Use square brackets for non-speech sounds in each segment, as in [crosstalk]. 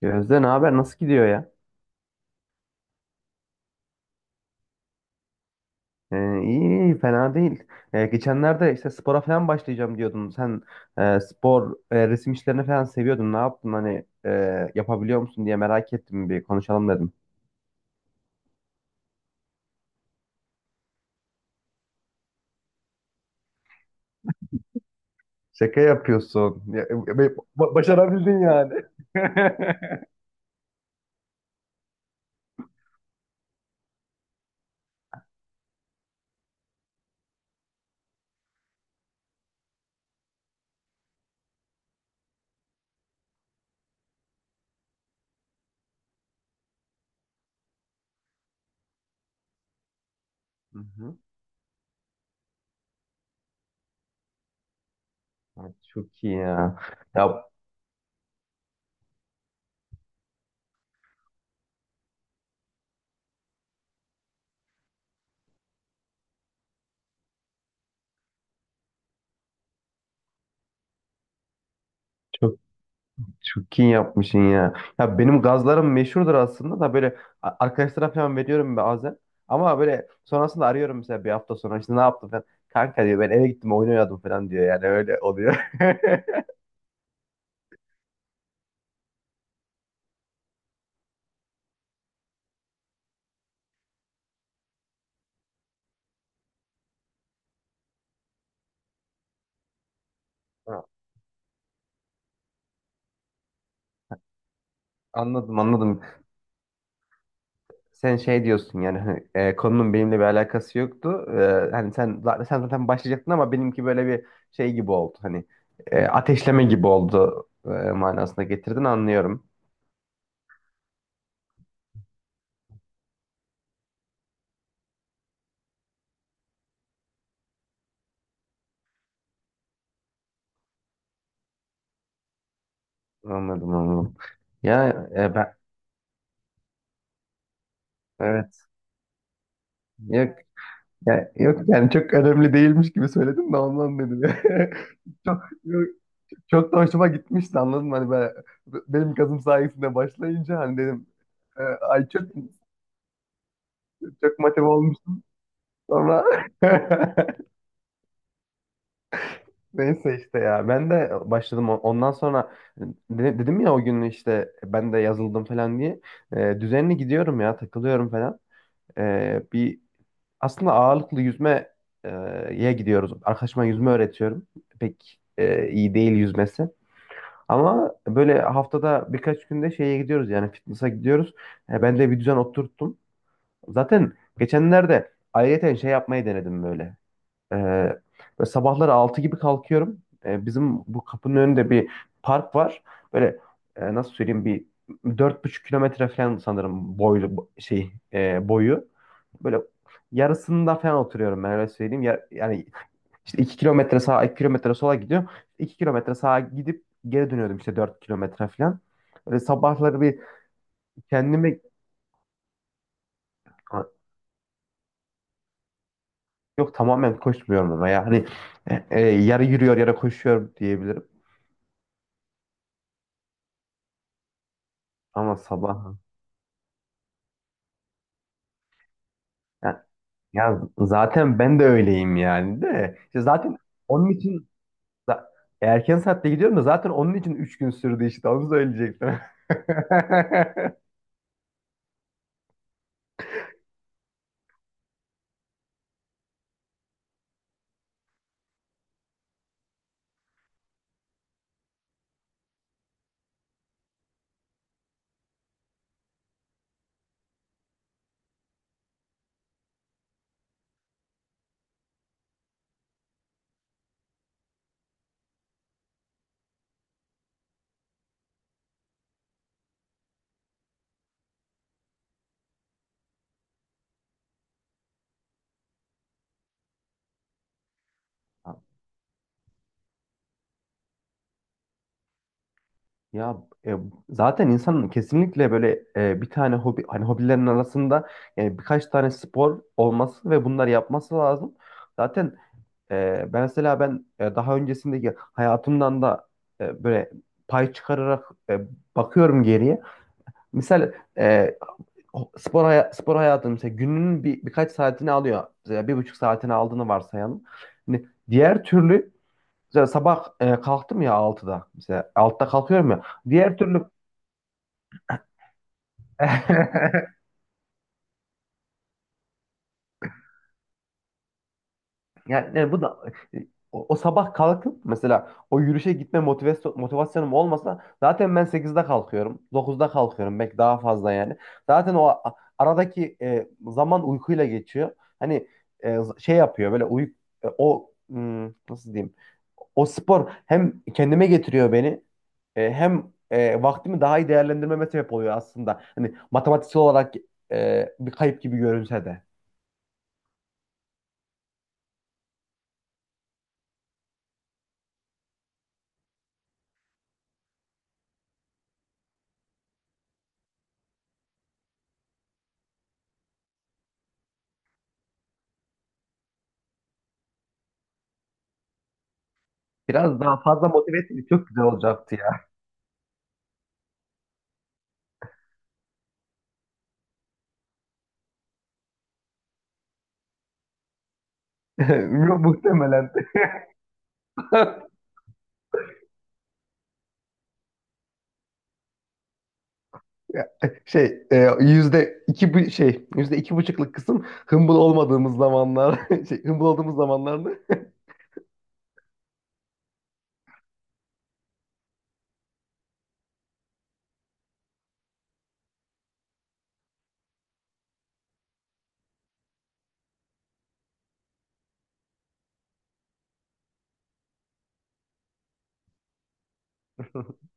Gözde, ne haber? Nasıl gidiyor ya? İyi, iyi, fena değil. Geçenlerde işte spora falan başlayacağım diyordun. Sen spor, resim işlerini falan seviyordun. Ne yaptın? Hani, yapabiliyor musun diye merak ettim. Bir konuşalım dedim. Şaka yapıyorsun. Ya, başarabildin yani. [laughs] Hı hı. Ay, çok iyi ya. Ya çok Çok iyi yapmışsın ya. Ya benim gazlarım meşhurdur aslında da böyle arkadaşlara falan veriyorum bazen. Ama böyle sonrasında arıyorum, mesela bir hafta sonra işte ne yaptın falan. Kanka diyor ben eve gittim oyun oynadım falan diyor, yani öyle oluyor. [laughs] Ha, anladım, anladım. Sen şey diyorsun yani hani, konunun benimle bir alakası yoktu. E, hani sen zaten başlayacaktın ama benimki böyle bir şey gibi oldu. Hani ateşleme gibi oldu, manasına getirdin, anlıyorum. Anladım, anladım. Ya, ben evet. Ya, yok yani, çok önemli değilmiş gibi söyledim de ondan dedim ya. [laughs] Çok, çok da hoşuma gitmişti, anladın mı? Hani ben, benim kazım sayesinde başlayınca hani dedim ay çok, çok motive olmuştum sonra. [laughs] Neyse işte, ya ben de başladım. O- ondan sonra dedim ya, o gün işte ben de yazıldım falan diye. E, düzenli gidiyorum ya, takılıyorum falan. E, bir Aslında ağırlıklı yüzmeye gidiyoruz. Arkadaşıma yüzme öğretiyorum. Pek iyi değil yüzmesi. Ama böyle haftada birkaç günde şeye gidiyoruz, yani fitness'a gidiyoruz. Ben de bir düzen oturttum. Zaten geçenlerde ayrıyeten şey yapmayı denedim böyle. E, böyle sabahları 6 gibi kalkıyorum. Bizim bu kapının önünde bir park var. Böyle, nasıl söyleyeyim, bir 4,5 kilometre falan sanırım boylu şey, boyu. Böyle yarısında falan oturuyorum, ben öyle söyleyeyim. Ya- yani işte 2 kilometre sağa, 2 kilometre sola gidiyorum. 2 kilometre sağa gidip geri dönüyordum işte, 4 kilometre falan. Böyle sabahları bir kendimi. Ha, yok, tamamen koşmuyorum ama ya hani, yarı yürüyor yarı koşuyor diyebilirim. Ama sabah, ya, ya zaten ben de öyleyim yani de. İşte zaten onun için za- erken saatte gidiyorum da, zaten onun için 3 gün sürdü, işte onu söyleyecektim. [laughs] Ya e, Zaten insanın kesinlikle böyle, bir tane hobi, hani hobilerin arasında yani birkaç tane spor olması ve bunları yapması lazım. Zaten, e, ben mesela ben e, daha öncesindeki hayatımdan da, böyle pay çıkararak, bakıyorum geriye. Misal, spor hayatı mesela gününün bir birkaç saatini alıyor. Mesela bir buçuk saatini aldığını varsayalım. Hani diğer türlü mesela sabah, kalktım ya altıda. Mesela 6'da kalkıyorum ya. Diğer türlü [laughs] Yani, yani bu da, e, o sabah kalkıp mesela o yürüyüşe gitme motivasyonum olmasa zaten ben sekizde kalkıyorum, dokuzda kalkıyorum. Belki daha fazla yani. Zaten o aradaki zaman uykuyla geçiyor. Hani, e, şey yapıyor böyle uy e, o hmm, nasıl diyeyim? O spor hem kendime getiriyor beni, hem vaktimi daha iyi değerlendirmeme sebep oluyor aslında. Hani matematiksel olarak bir kayıp gibi görünse de. Biraz daha fazla motive etseydi çok güzel olacaktı ya. [laughs] Muhtemelen. [laughs] Şey, %2,5'luk kısım humble olmadığımız zamanlar, [laughs] şey, humble olduğumuz zamanlardı. [laughs]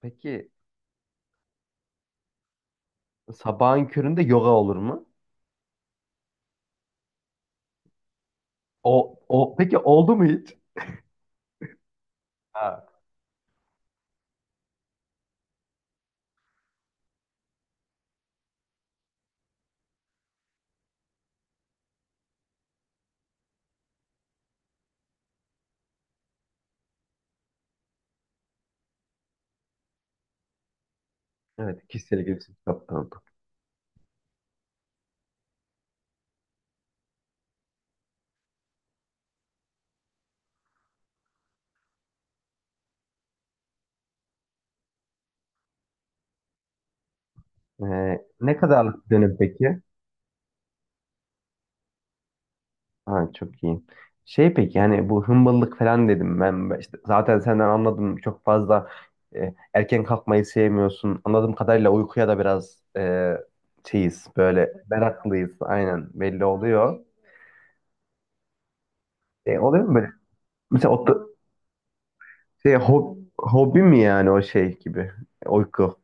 Peki, sabahın köründe yoga olur mu? O, o peki oldu mu hiç? Ha, evet, kişisel gelişim kitapları oldu. Ne kadar dönem peki? Ha, çok iyi. Şey peki, yani bu hımbalık falan dedim. Ben Ben işte zaten senden anladım çok fazla erken kalkmayı sevmiyorsun. Anladığım kadarıyla uykuya da biraz, şeyiz böyle, meraklıyız, aynen, belli oluyor. Oluyor mu böyle? Mesela o, da- şey, ho- hobi mi yani o şey gibi. Uyku?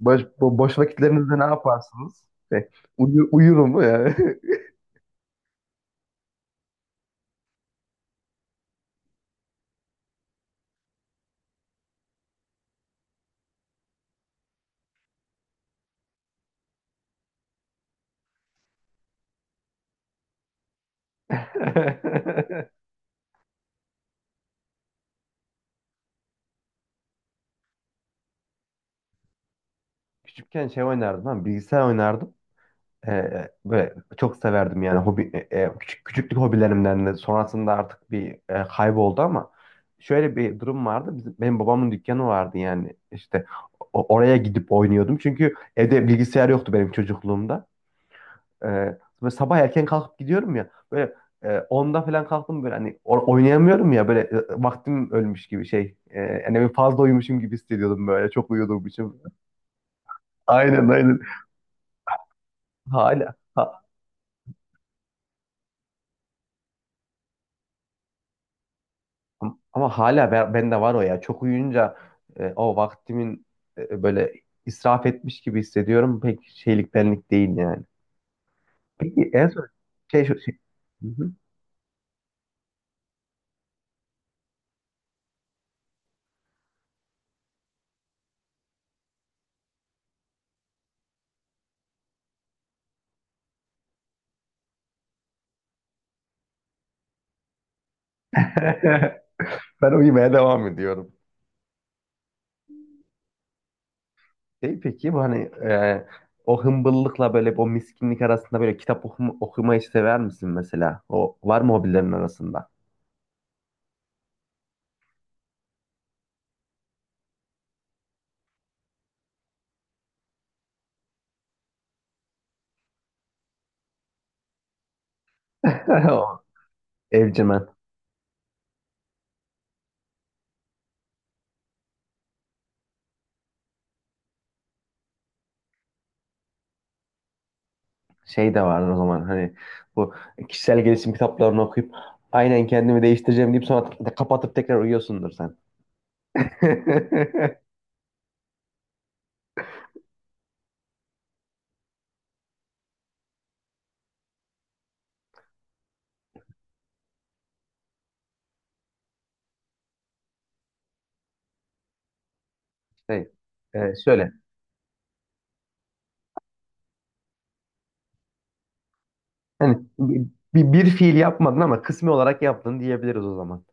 Boş vakitlerinizde ne yaparsınız? Şey, uyurum mu yani. [laughs] Küçükken şey oynardım, ha, bilgisayar oynardım. E, böyle çok severdim yani. Hobi e, e, küçük küçüklük hobilerimden de sonrasında artık bir kayboldu, ama şöyle bir durum vardı. Bizim, benim babamın dükkanı vardı, yani işte oraya gidip oynuyordum. Çünkü evde bilgisayar yoktu benim çocukluğumda. E, Böyle sabah erken kalkıp gidiyorum ya böyle, 10'da falan kalktım, böyle hani oynayamıyorum ya böyle, vaktim ölmüş gibi şey. Yani bir fazla uyumuşum gibi hissediyordum, böyle çok uyuduğum için. Aynen, aynen. Hala. Ama hala ben, bende var o ya. Çok uyuyunca o vaktimin e, böyle israf etmiş gibi hissediyorum. Pek şeylik benlik değil yani. Peki en son şey şu şey- Hı hı. [laughs] Ben uyumaya devam ediyorum. Şey peki, bu hani, e, o hımbıllıkla böyle, o miskinlik arasında böyle kitap okumayı sever misin mesela? O var mı hobilerin arasında? [laughs] O, evcimen. Şey de vardır o zaman hani, bu kişisel gelişim kitaplarını okuyup aynen kendimi değiştireceğim deyip sonra kapatıp tekrar uyuyorsundur sen. [laughs] Şey, şöyle hani, bir fiil yapmadın ama kısmi olarak yaptın diyebiliriz o zaman.